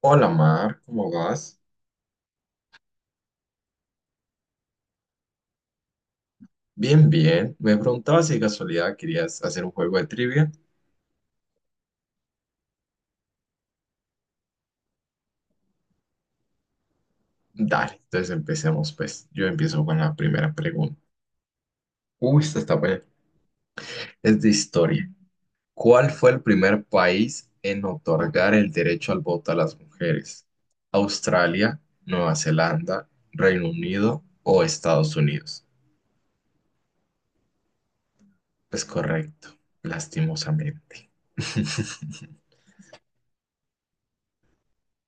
Hola Mar, ¿cómo vas? Bien, bien. Me preguntaba si de casualidad querías hacer un juego de trivia. Dale, entonces empecemos pues. Yo empiezo con la primera pregunta. Uy, esta está buena. Es de historia. ¿Cuál fue el primer país en otorgar el derecho al voto a las mujeres? ¿Australia, Nueva Zelanda, Reino Unido o Estados Unidos? Es correcto, lastimosamente.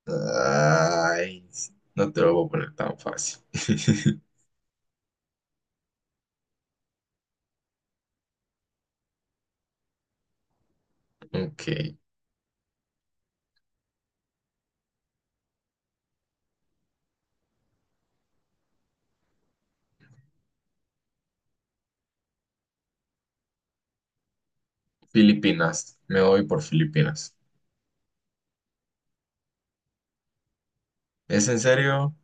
Ay, no te lo voy a poner tan fácil. Ok. Filipinas, me voy por Filipinas. ¿Es en serio?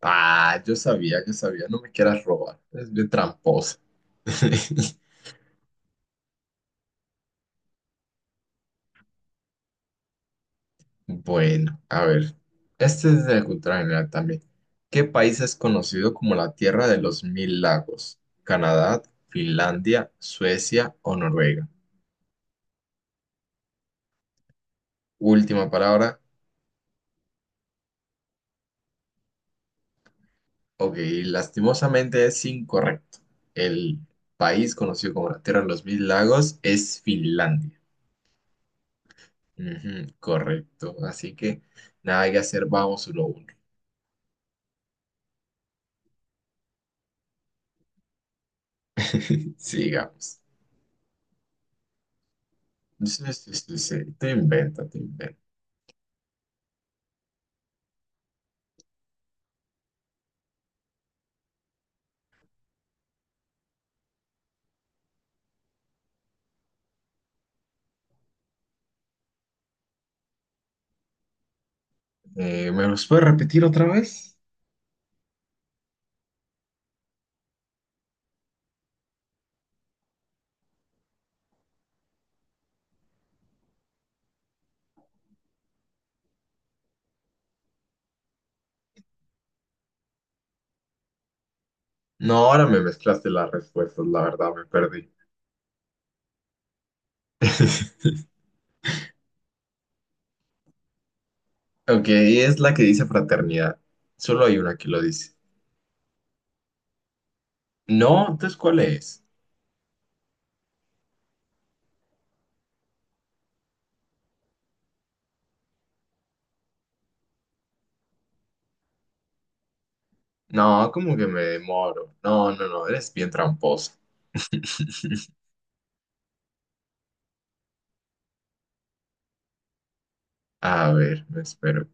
Ah, yo sabía, no me quieras robar. Es bien tramposa. Bueno, a ver. Este es de cultura general también. ¿Qué país es conocido como la Tierra de los Mil Lagos? ¿Canadá, Finlandia, Suecia o Noruega? Última palabra. Ok, lastimosamente es incorrecto. El país conocido como la Tierra de los Mil Lagos es Finlandia. Ujú, correcto. Así que nada que hacer, vamos lo uno. Sigamos. Sí, sí, sí, sí. Tú inventa, tú inventa. ¿Me los puedes repetir otra vez? No, ahora me mezclaste las respuestas, la verdad, me perdí. Ok, es la que dice fraternidad. Solo hay una que lo dice. No, entonces, ¿cuál es? No, como que me demoro. No, no, no, eres bien tramposa. A ver, me espero.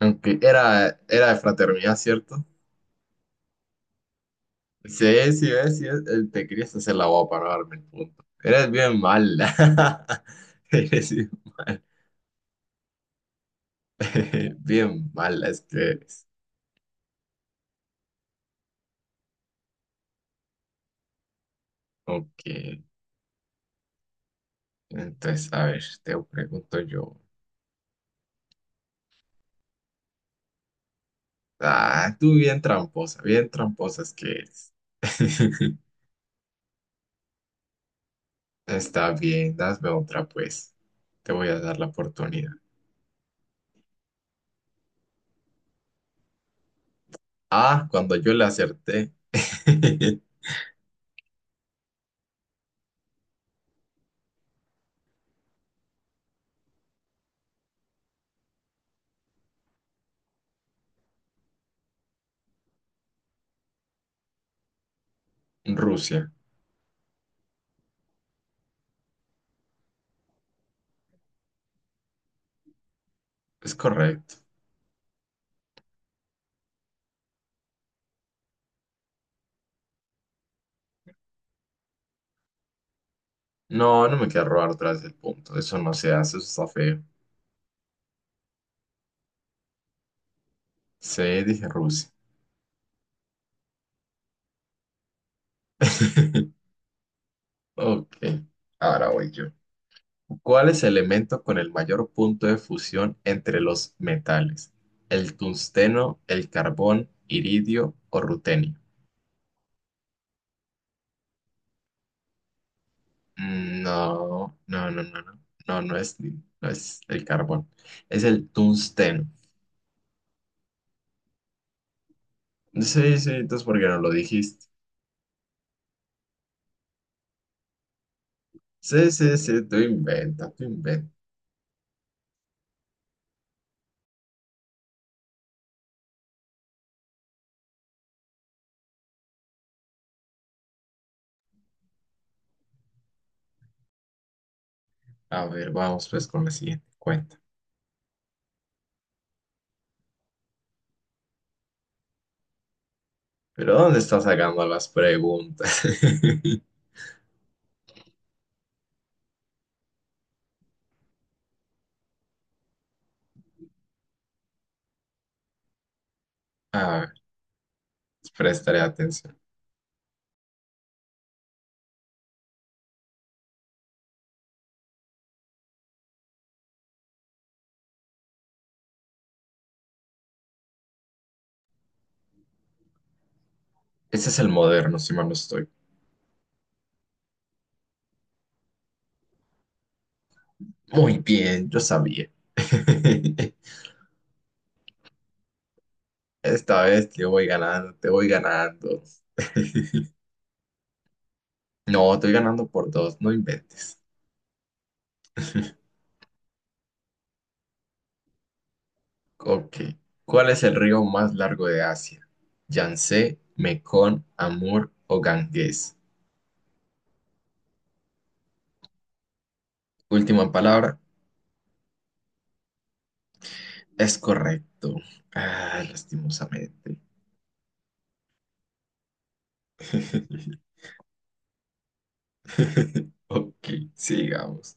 Aunque era de fraternidad, ¿cierto? Sí, sí, ves, te querías hacer la boba para darme el punto. Eres bien mala. Eres bien mala. Bien mala, es que eres. Ok. Entonces, a ver, te pregunto yo. Ah, tú bien tramposa es que eres. Está bien, dame otra pues. Te voy a dar la oportunidad. Ah, cuando yo le acerté. Rusia. Es correcto. No, no me quiero robar otra vez el punto. Eso no se hace, eso está feo. C, dije Rusia. Ok, ahora voy yo. ¿Cuál es el elemento con el mayor punto de fusión entre los metales? ¿El tungsteno, el carbón, iridio o rutenio? No, no, no, no, no, no, no es, no es el carbón, es el tungsteno. Sí, sí, entonces ¿por qué no lo dijiste? Sí, sí, sí, tú inventa, tú inventa. A ver, vamos pues con la siguiente cuenta. ¿Pero dónde estás sacando las preguntas? A Prestaré atención. Ese es el moderno, si mal no estoy. Muy bien, yo sabía. Esta vez te voy ganando, te voy ganando. No, estoy ganando por dos, no inventes. Ok. ¿Cuál es el río más largo de Asia? Yangtze, Mekong, Amur o Ganges. Última palabra, es correcto. Ah, lastimosamente. Ok, sigamos.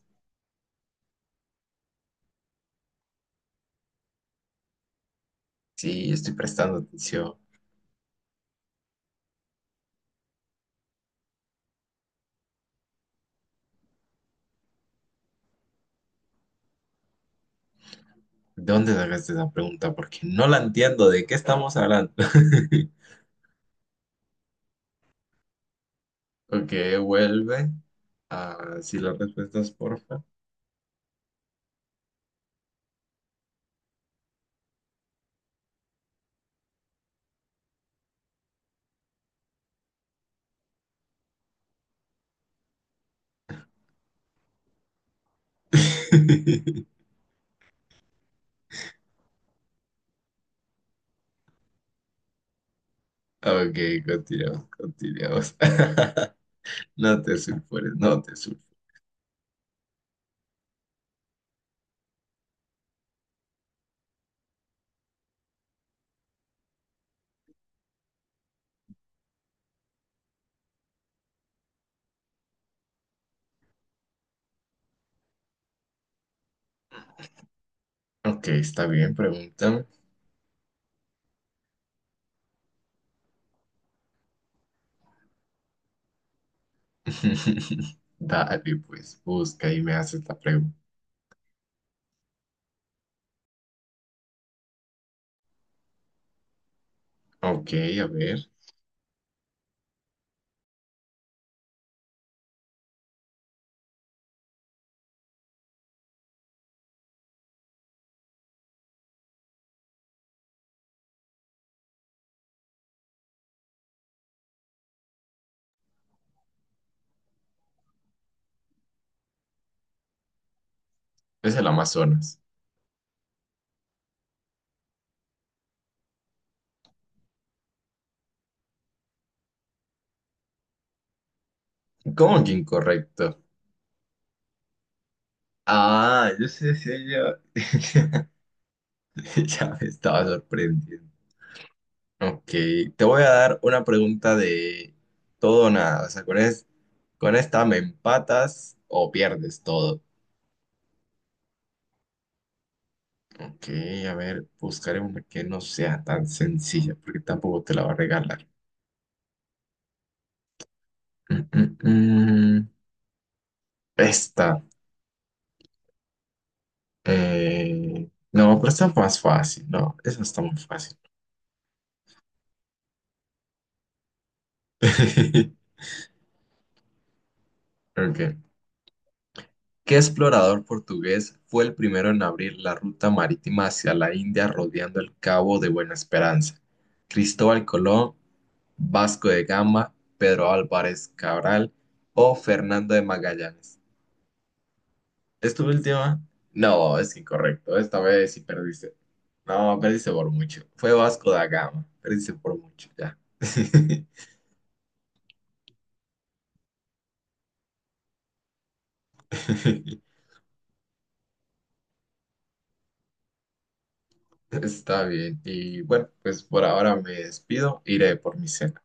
Sí, estoy prestando atención. ¿De dónde sacaste esa pregunta? Porque no la entiendo. ¿De qué estamos hablando? Ok, vuelve. Ah, sí, las respuestas, porfa. Ok, continuamos, continuamos. No te sulfures, no te sulfures. Ok, está bien, pregúntame. Dale, pues, busca y me haces la pregunta. Ok, a ver. Es el Amazonas. ¿Cómo que incorrecto? Ah, yo sé, sí, yo. Ya me estaba sorprendiendo. Ok, te voy a dar una pregunta de todo o nada. O sea, con esta me empatas o pierdes todo. Ok, a ver, buscaré una que no sea tan sencilla, porque tampoco te la va a regalar. Mm, mm, mm. Esta. No, pero está más fácil. No, esa está muy fácil. Ok. ¿Qué explorador portugués fue el primero en abrir la ruta marítima hacia la India rodeando el Cabo de Buena Esperanza? Cristóbal Colón. Vasco de Gama, Pedro Álvarez Cabral o Fernando de Magallanes. ¿Esta última? No, es incorrecto. Esta vez sí perdiste. No, perdiste por mucho. Fue Vasco da Gama. Perdiste por mucho, ya. Está bien. Y bueno, pues por ahora me despido. Iré por mi cena.